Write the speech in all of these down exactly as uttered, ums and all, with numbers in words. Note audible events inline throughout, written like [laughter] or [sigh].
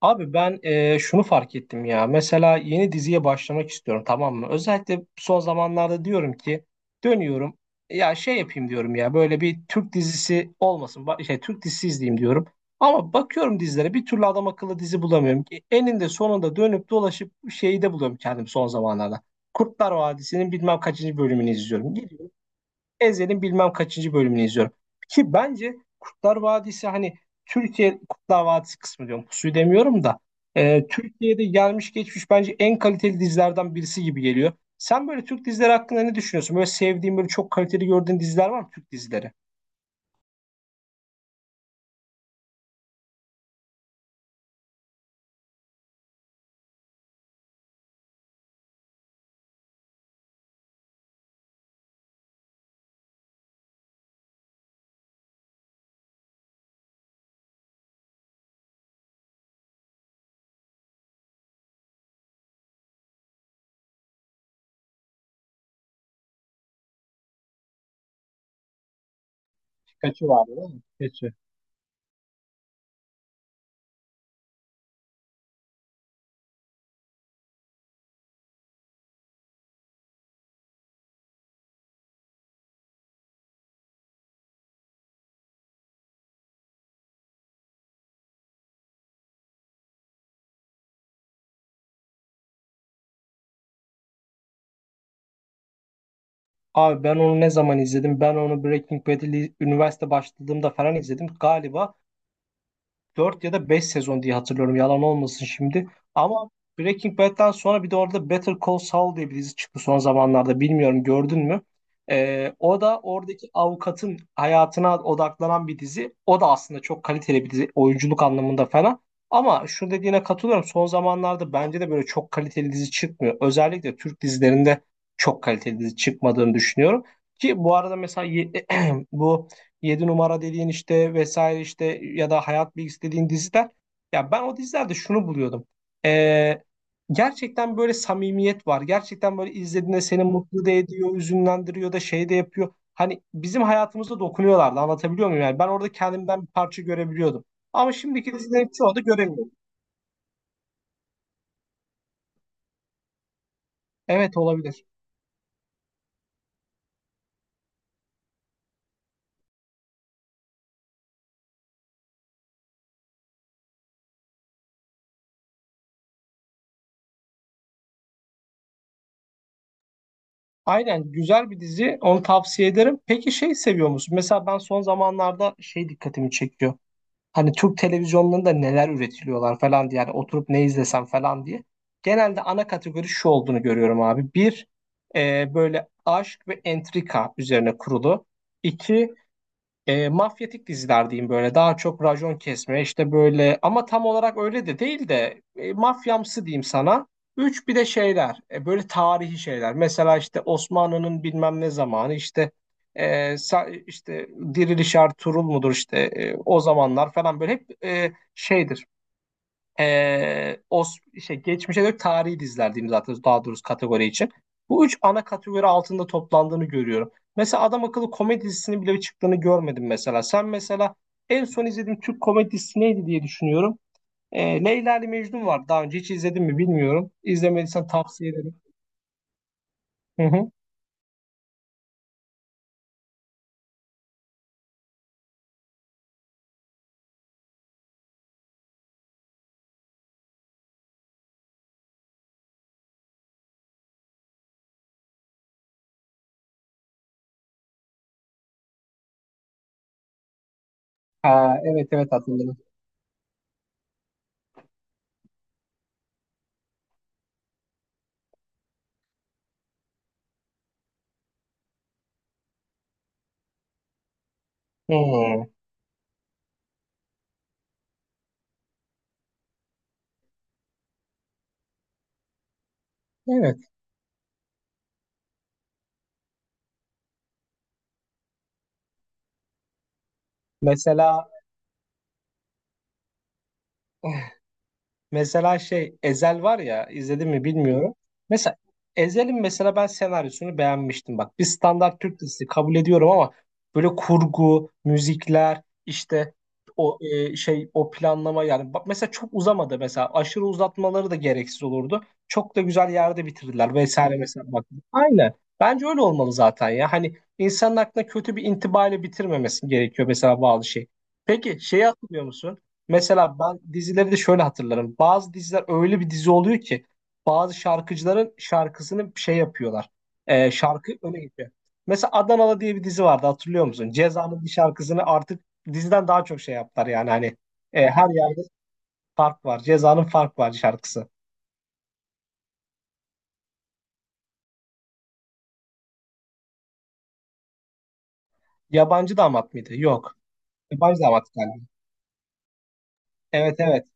Abi ben e, şunu fark ettim ya. Mesela yeni diziye başlamak istiyorum, tamam mı? Özellikle son zamanlarda diyorum ki dönüyorum. Ya şey yapayım diyorum ya böyle bir Türk dizisi olmasın. Ba- Şey, Türk dizisi izleyeyim diyorum. Ama bakıyorum dizilere bir türlü adam akıllı dizi bulamıyorum. E, Eninde sonunda dönüp dolaşıp şeyi de buluyorum kendim son zamanlarda. Kurtlar Vadisi'nin bilmem kaçıncı bölümünü izliyorum. Ezel'in bilmem kaçıncı bölümünü izliyorum. Ki bence Kurtlar Vadisi hani Türkiye Kurtlar Vadisi kısmı diyorum. Pusuyu demiyorum da. e, Türkiye'de gelmiş geçmiş bence en kaliteli dizilerden birisi gibi geliyor. Sen böyle Türk dizileri hakkında ne düşünüyorsun? Böyle sevdiğin, böyle çok kaliteli gördüğün diziler var mı Türk dizileri? Kaçı vardı değil mi? Pikachu. Abi ben onu ne zaman izledim? Ben onu Breaking Bad'li üniversite başladığımda falan izledim. Galiba dört ya da beş sezon diye hatırlıyorum. Yalan olmasın şimdi. Ama Breaking Bad'den sonra bir de orada Better Call Saul diye bir dizi çıktı son zamanlarda. Bilmiyorum gördün mü? Ee, o da oradaki avukatın hayatına odaklanan bir dizi. O da aslında çok kaliteli bir dizi. Oyunculuk anlamında falan. Ama şu dediğine katılıyorum. Son zamanlarda bence de böyle çok kaliteli dizi çıkmıyor. Özellikle Türk dizilerinde çok kaliteli dizi çıkmadığını düşünüyorum. Ki bu arada mesela ye- [clears throat] bu Yedi numara dediğin işte vesaire işte ya da hayat bilgisi dediğin diziler. Ya ben o dizilerde şunu buluyordum. Ee, Gerçekten böyle samimiyet var. Gerçekten böyle izlediğinde seni mutlu da ediyor, üzünlendiriyor da şey de yapıyor. Hani bizim hayatımıza dokunuyorlardı, anlatabiliyor muyum? Yani ben orada kendimden bir parça görebiliyordum. Ama şimdiki dizilerin çoğu da göremiyorum. Evet, olabilir. Aynen, güzel bir dizi. Onu tavsiye ederim. Peki şey seviyor musun? Mesela ben son zamanlarda şey dikkatimi çekiyor. Hani Türk televizyonlarında neler üretiliyorlar falan diye. Yani oturup ne izlesem falan diye. Genelde ana kategori şu olduğunu görüyorum abi. Bir, e, böyle aşk ve entrika üzerine kurulu. İki, e, mafyatik diziler diyeyim, böyle daha çok rajon kesme işte böyle, ama tam olarak öyle de değil de e, mafyamsı diyeyim sana. Üç, bir de şeyler e, böyle tarihi şeyler, mesela işte Osmanlı'nın bilmem ne zamanı işte e, sa- işte Diriliş Ertuğrul mudur işte e, o zamanlar falan, böyle hep e, şeydir ee, o şey, geçmişe dönük tarihi diziler diyeyim zaten, daha doğrusu kategori için. Bu üç ana kategori altında toplandığını görüyorum. Mesela adam akıllı komedi dizisinin bile çıktığını görmedim mesela. Sen mesela en son izlediğin Türk komedi dizisi neydi diye düşünüyorum. Ee, Leyla ile Mecnun var. Daha önce hiç izledin mi bilmiyorum. İzlemediysen tavsiye ederim. Hı hı. Ha, evet evet, hatırladım. Hı. Evet. Mesela [laughs] mesela şey Ezel var ya, izledim mi bilmiyorum. Mesela Ezel'in mesela ben senaryosunu beğenmiştim. Bak, bir standart Türk dizisi kabul ediyorum ama böyle kurgu, müzikler, işte o e, şey, o planlama, yani bak mesela çok uzamadı, mesela aşırı uzatmaları da gereksiz olurdu. Çok da güzel yerde bitirdiler vesaire mesela bak. Aynen. Bence öyle olmalı zaten ya. Hani insanın aklına kötü bir intibayla bitirmemesi gerekiyor mesela bazı şey. Peki şeyi hatırlıyor musun? Mesela ben dizileri de şöyle hatırlarım. Bazı diziler öyle bir dizi oluyor ki bazı şarkıcıların şarkısını şey yapıyorlar. Ee, şarkı öne geçiyor. Mesela Adanalı diye bir dizi vardı, hatırlıyor musun? Ceza'nın bir şarkısını artık diziden daha çok şey yaptılar yani hani e, her yerde fark var. Ceza'nın fark var şarkısı. Yabancı Damat mıydı? Yok. Yabancı Damat galiba. Evet evet.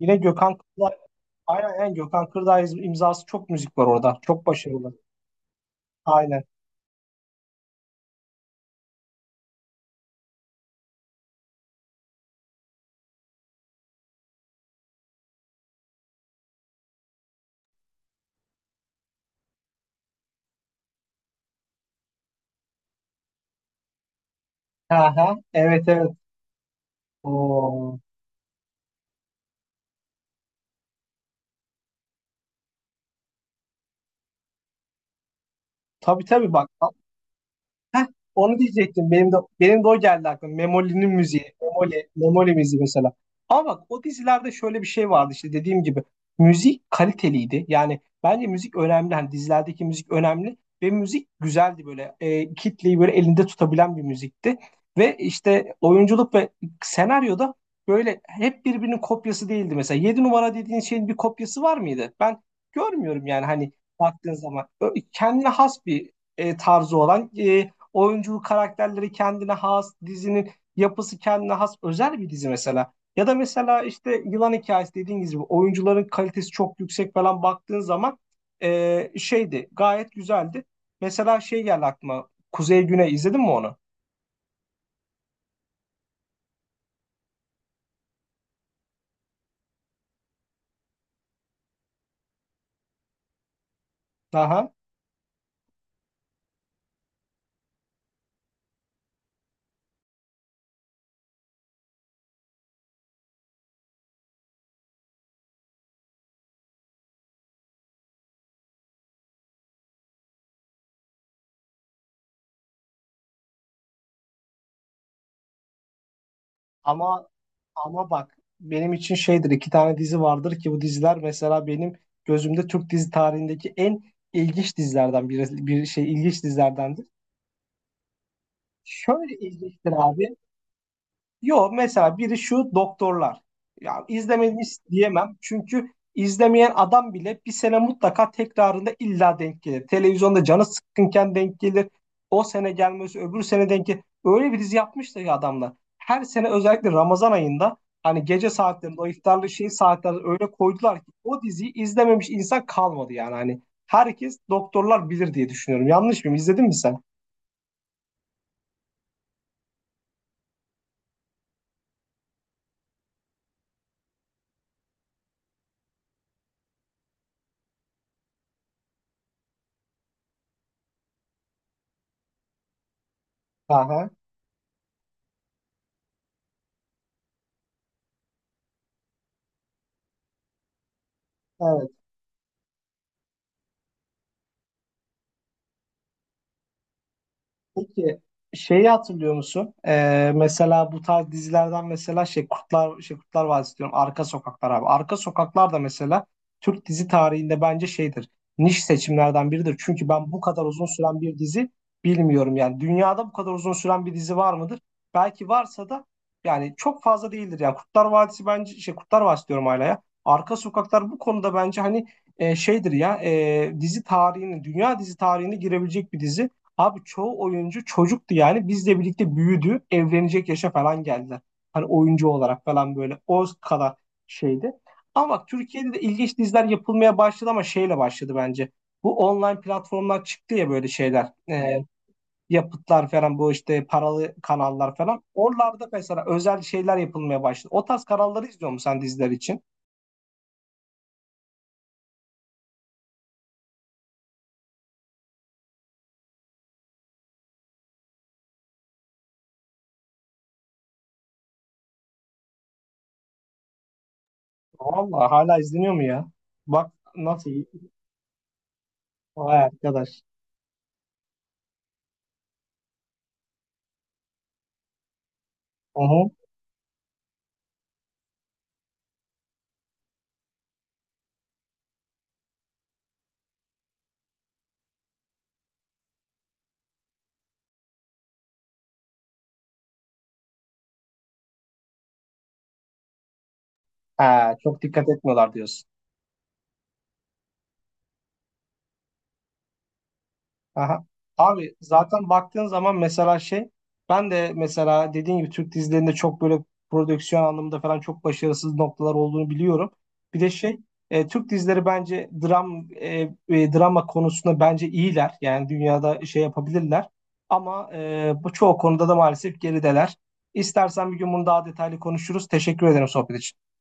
Yine Gökhan Kırdağ, aynen aynen Gökhan Kırdağ iz- imzası çok müzik var orada. Çok başarılı. Aynen. Ha ha. Evet evet. Oo. Tabii tabii bak a- heh, onu diyecektim. Benim de benim de o geldi aklıma. Memoli'nin müziği. Memoli, Memoli müziği mesela. Ama bak o dizilerde şöyle bir şey vardı işte dediğim gibi. Müzik kaliteliydi. Yani bence müzik önemli. Hani dizilerdeki müzik önemli ve müzik güzeldi böyle. E, kitleyi böyle elinde tutabilen bir müzikti. Ve işte oyunculuk ve senaryoda böyle hep birbirinin kopyası değildi mesela. Yedi numara dediğin şeyin bir kopyası var mıydı? Ben görmüyorum yani hani, baktığın zaman Ö- kendine has bir e, tarzı olan, e, oyunculuk karakterleri kendine has, dizinin yapısı kendine has özel bir dizi mesela. Ya da mesela işte Yılan Hikayesi dediğiniz gibi oyuncuların kalitesi çok yüksek falan, baktığın zaman e, şeydi, gayet güzeldi. Mesela şey geldi aklıma, Kuzey Güney, izledin mi onu? Aha. Ama ama bak benim için şeydir, iki tane dizi vardır ki bu diziler mesela benim gözümde Türk dizi tarihindeki en ilginç dizilerden biri, bir şey ilginç dizilerdendir. Şöyle ilginçtir abi. Yo, mesela biri şu doktorlar. Ya izlememiş diyemem. Çünkü izlemeyen adam bile bir sene mutlaka tekrarında illa denk gelir. Televizyonda canı sıkkınken denk gelir. O sene gelmesi öbür sene denk gelir. Öyle bir dizi yapmışlar ya adamlar. Her sene özellikle Ramazan ayında hani gece saatlerinde o iftarlı şey saatlerinde öyle koydular ki o diziyi izlememiş insan kalmadı yani. Hani herkes doktorlar bilir diye düşünüyorum. Yanlış mıyım? İzledin mi sen? Aha. Peki şeyi hatırlıyor musun? Ee, mesela bu tarz dizilerden mesela şey Kurtlar şey Kurtlar Vadisi diyorum. Arka Sokaklar abi. Arka Sokaklar da mesela Türk dizi tarihinde bence şeydir. Niş seçimlerden biridir. Çünkü ben bu kadar uzun süren bir dizi bilmiyorum. Yani dünyada bu kadar uzun süren bir dizi var mıdır? Belki varsa da yani çok fazla değildir. Yani Kurtlar Vadisi bence şey, Kurtlar Vadisi diyorum hala ya. Arka Sokaklar bu konuda bence hani e, şeydir ya, e, dizi tarihinin, dünya dizi tarihine girebilecek bir dizi. Abi çoğu oyuncu çocuktu yani. Bizle birlikte büyüdü. Evlenecek yaşa falan geldiler. Hani oyuncu olarak falan böyle o kadar şeydi. Ama bak Türkiye'de de ilginç diziler yapılmaya başladı ama şeyle başladı bence. Bu online platformlar çıktı ya böyle şeyler. Ee, yapıtlar falan bu işte paralı kanallar falan. Oralarda mesela özel şeyler yapılmaya başladı. O tarz kanalları izliyor musun sen diziler için? Vallahi hala izleniyor mu ya? Bak nasıl? Vay arkadaş. Hı hı. Ha, çok dikkat etmiyorlar diyorsun. Aha. Abi zaten baktığın zaman mesela şey, ben de mesela dediğin gibi Türk dizilerinde çok böyle prodüksiyon anlamında falan çok başarısız noktalar olduğunu biliyorum. Bir de şey e, Türk dizileri bence dram e, e, drama konusunda bence iyiler. Yani dünyada şey yapabilirler. Ama e, bu çoğu konuda da maalesef gerideler. İstersen bir gün bunu daha detaylı konuşuruz. Teşekkür ederim sohbet için.